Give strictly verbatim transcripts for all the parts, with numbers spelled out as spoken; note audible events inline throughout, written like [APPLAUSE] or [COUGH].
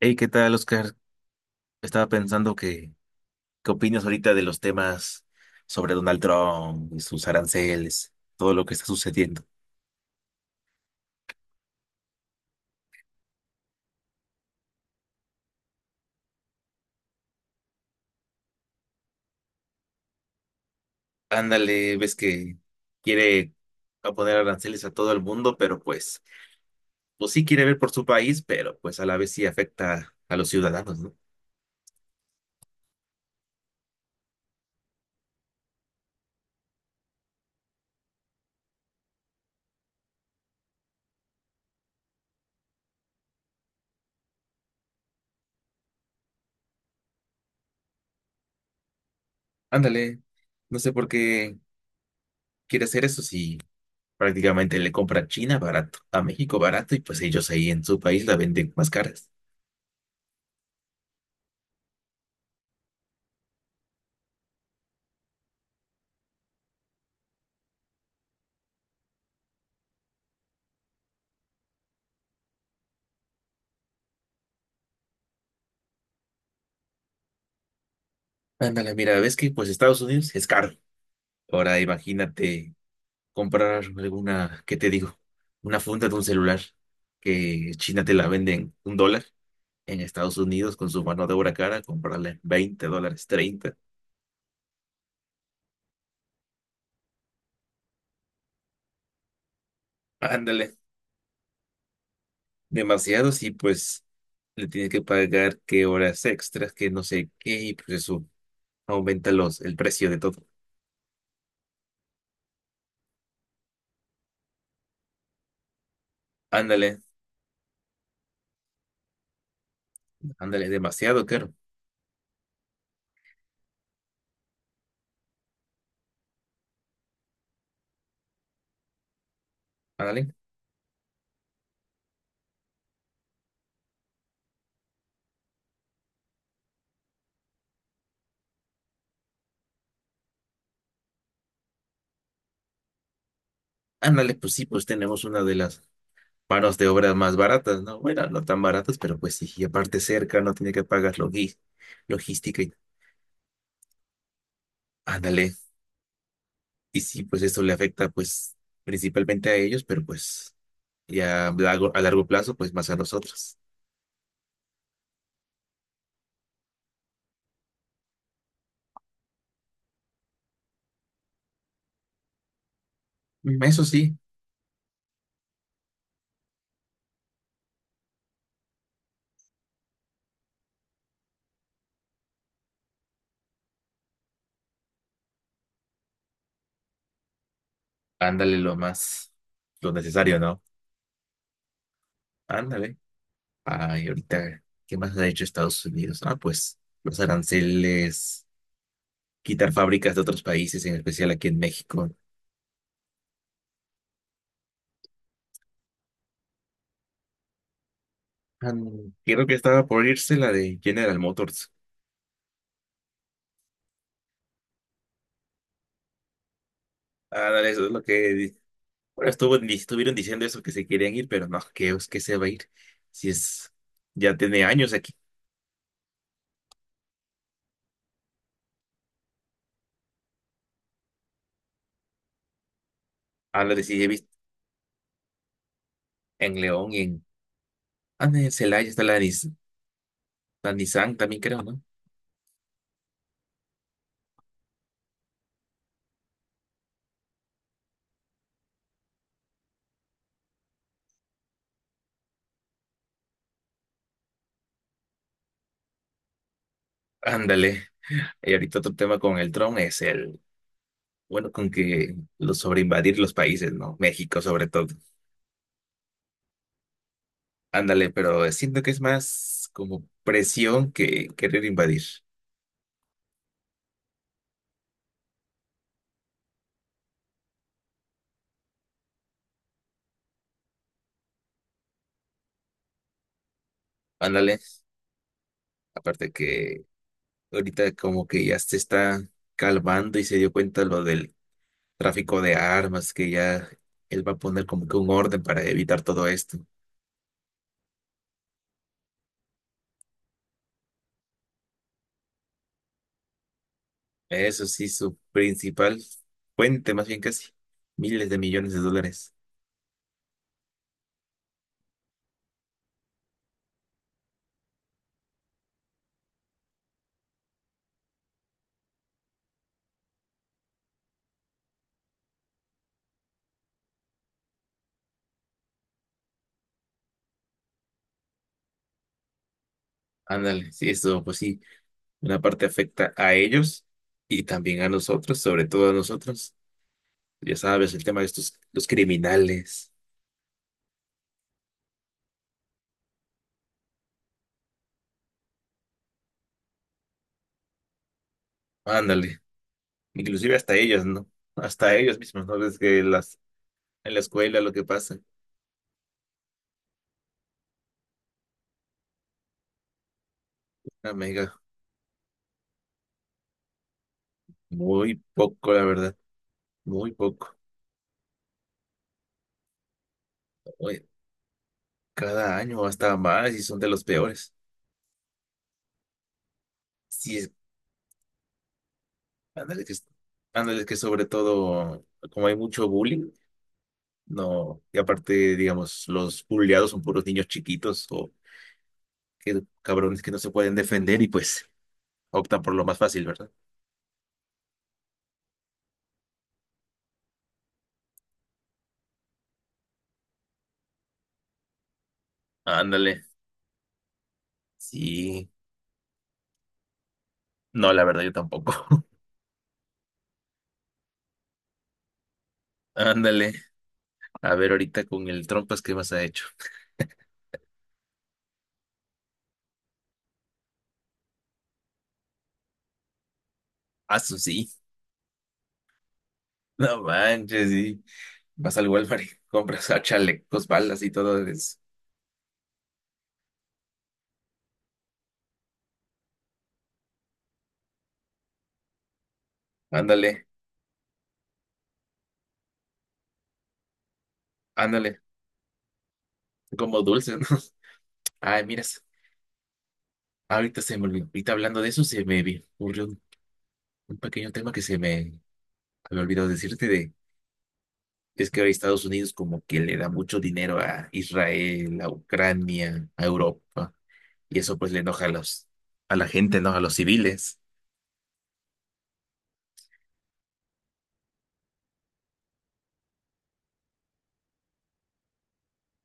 Hey, ¿qué tal, Oscar? Estaba pensando que, ¿qué opinas ahorita de los temas sobre Donald Trump y sus aranceles, todo lo que está sucediendo? Ándale, ves que quiere a poner aranceles a todo el mundo, pero pues, pues sí quiere ver por su país, pero pues a la vez sí afecta a los ciudadanos, ¿no? Ándale, no sé por qué quiere hacer eso si prácticamente le compra a China barato, a México barato, y pues ellos ahí en su país la venden más caras. Ándale, mira, ves que pues Estados Unidos es caro. Ahora imagínate comprar alguna, ¿qué te digo? Una funda de un celular que China te la venden un dólar, en Estados Unidos con su mano de obra cara, comprarla en veinte dólares, treinta. Ándale, demasiados y pues le tienes que pagar qué horas extras, que no sé qué, y pues eso aumenta los, el precio de todo. Ándale, ándale, demasiado caro. Ándale, ándale, pues sí, pues tenemos una de las manos de obras más baratas, ¿no? Bueno, no tan baratas, pero pues sí, y aparte cerca, no tiene que pagar logi- logística y ándale. Y sí, pues esto le afecta pues principalmente a ellos, pero pues ya a largo, a largo plazo, pues más a nosotros. Mm, eso sí, ándale lo más, lo necesario, ¿no? Ándale. Ay, ahorita, ¿qué más ha hecho Estados Unidos? Ah, pues los aranceles, quitar fábricas de otros países, en especial aquí en México. Ah, no, creo que estaba por irse la de General Motors. Ándale, eso es lo que. di- Bueno, estuvo, di- estuvieron diciendo eso que se querían ir, pero no, que es que se va a ir. Si es. Ya tiene años aquí. Habla de si he visto en León y en. Ah, no, en Celaya está la, Nis- la Nissan también, creo, ¿no? Ándale. Y ahorita otro tema con el Trump es el. Bueno, con que lo sobre invadir los países, ¿no? México sobre todo. Ándale, pero siento que es más como presión que querer invadir. Ándale. Aparte que. Ahorita como que ya se está calmando y se dio cuenta lo del tráfico de armas, que ya él va a poner como que un orden para evitar todo esto. Eso sí, su principal fuente, más bien casi, miles de millones de dólares. Ándale, sí, eso pues sí, una parte afecta a ellos y también a nosotros, sobre todo a nosotros. Ya sabes, el tema de estos, los criminales. Ándale, inclusive hasta ellos, ¿no? Hasta ellos mismos, ¿no? Ves que las, en la escuela lo que pasa. Amiga, muy poco, la verdad, muy poco. Oye, cada año hasta más y son de los peores. Sí, es- ándale que, ándale que sobre todo, como hay mucho bullying, no, y aparte, digamos, los bulleados son puros niños chiquitos o que, cabrones que no se pueden defender y pues optan por lo más fácil, ¿verdad? Ándale, sí, no, la verdad yo tampoco. [LAUGHS] Ándale, a ver ahorita con el trompas, ¿qué más ha hecho? Ah, su- sí, no manches, sí. Vas al Walmart y [LAUGHS] compras a chalecos, balas y todo eso. Ándale, ándale. Como dulce, ¿no? [LAUGHS] Ay, miras. Ahorita se me olvidó. Ahorita hablando de eso, se me vi- ocurrió un, un pequeño tema que se me había olvidado decirte de. Es que ahora Estados Unidos como que le da mucho dinero a Israel, a Ucrania, a Europa. Y eso pues le enoja a los, a la gente, ¿no? A los civiles.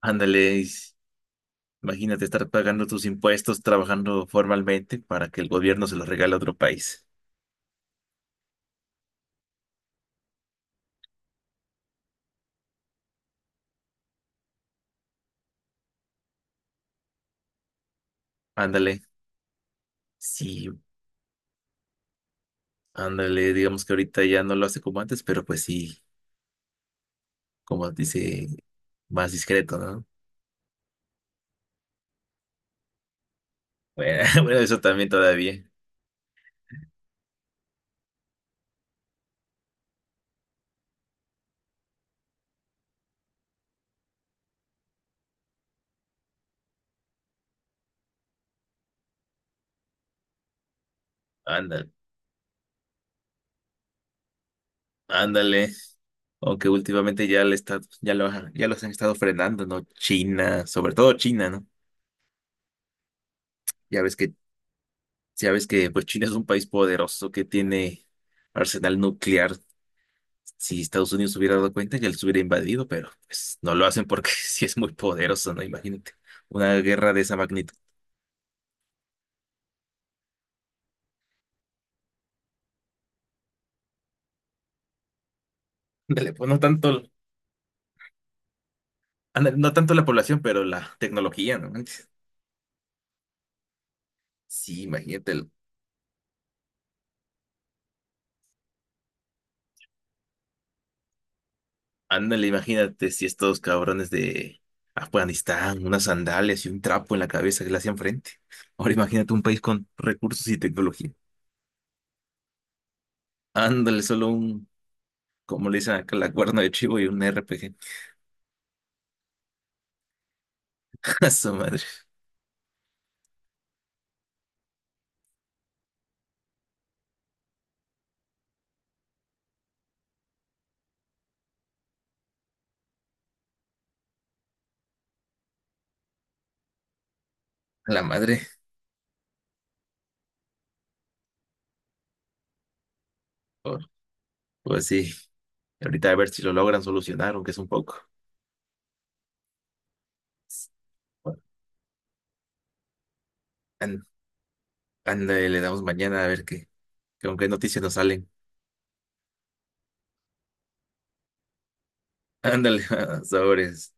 Ándale, y imagínate estar pagando tus impuestos, trabajando formalmente para que el gobierno se los regale a otro país. Ándale, sí, ándale, digamos que ahorita ya no lo hace como antes, pero pues sí, como dice, más discreto, ¿no? Bueno, [LAUGHS] bueno, eso también todavía. Ándale, ándale. Aunque últimamente ya le está, ya lo, ha- ya los han estado frenando, ¿no? China, sobre todo China, ¿no? Ya ves que, ya ves que pues China es un país poderoso que tiene arsenal nuclear. Si Estados Unidos hubiera dado cuenta, ya los hubiera invadido, pero pues no lo hacen porque [LAUGHS] sí es muy poderoso, ¿no? Imagínate, una guerra de esa magnitud. Ándale, pues no tanto. Ándale, no tanto la población, pero la tecnología, ¿no manches? Sí, imagínate, el- ándale, imagínate si estos cabrones de Afganistán, unas sandalias y un trapo en la cabeza que le hacían frente. Ahora imagínate un país con recursos y tecnología. Ándale, solo un, como le dicen acá, la cuerna de chivo y un R P G. [LAUGHS] A su madre, a la madre. Pues, pues sí, ahorita a ver si lo logran solucionar, aunque es un poco. Bueno, ándale, le damos mañana a ver qué, qué con qué noticias nos salen. Ándale, [LAUGHS] sobres.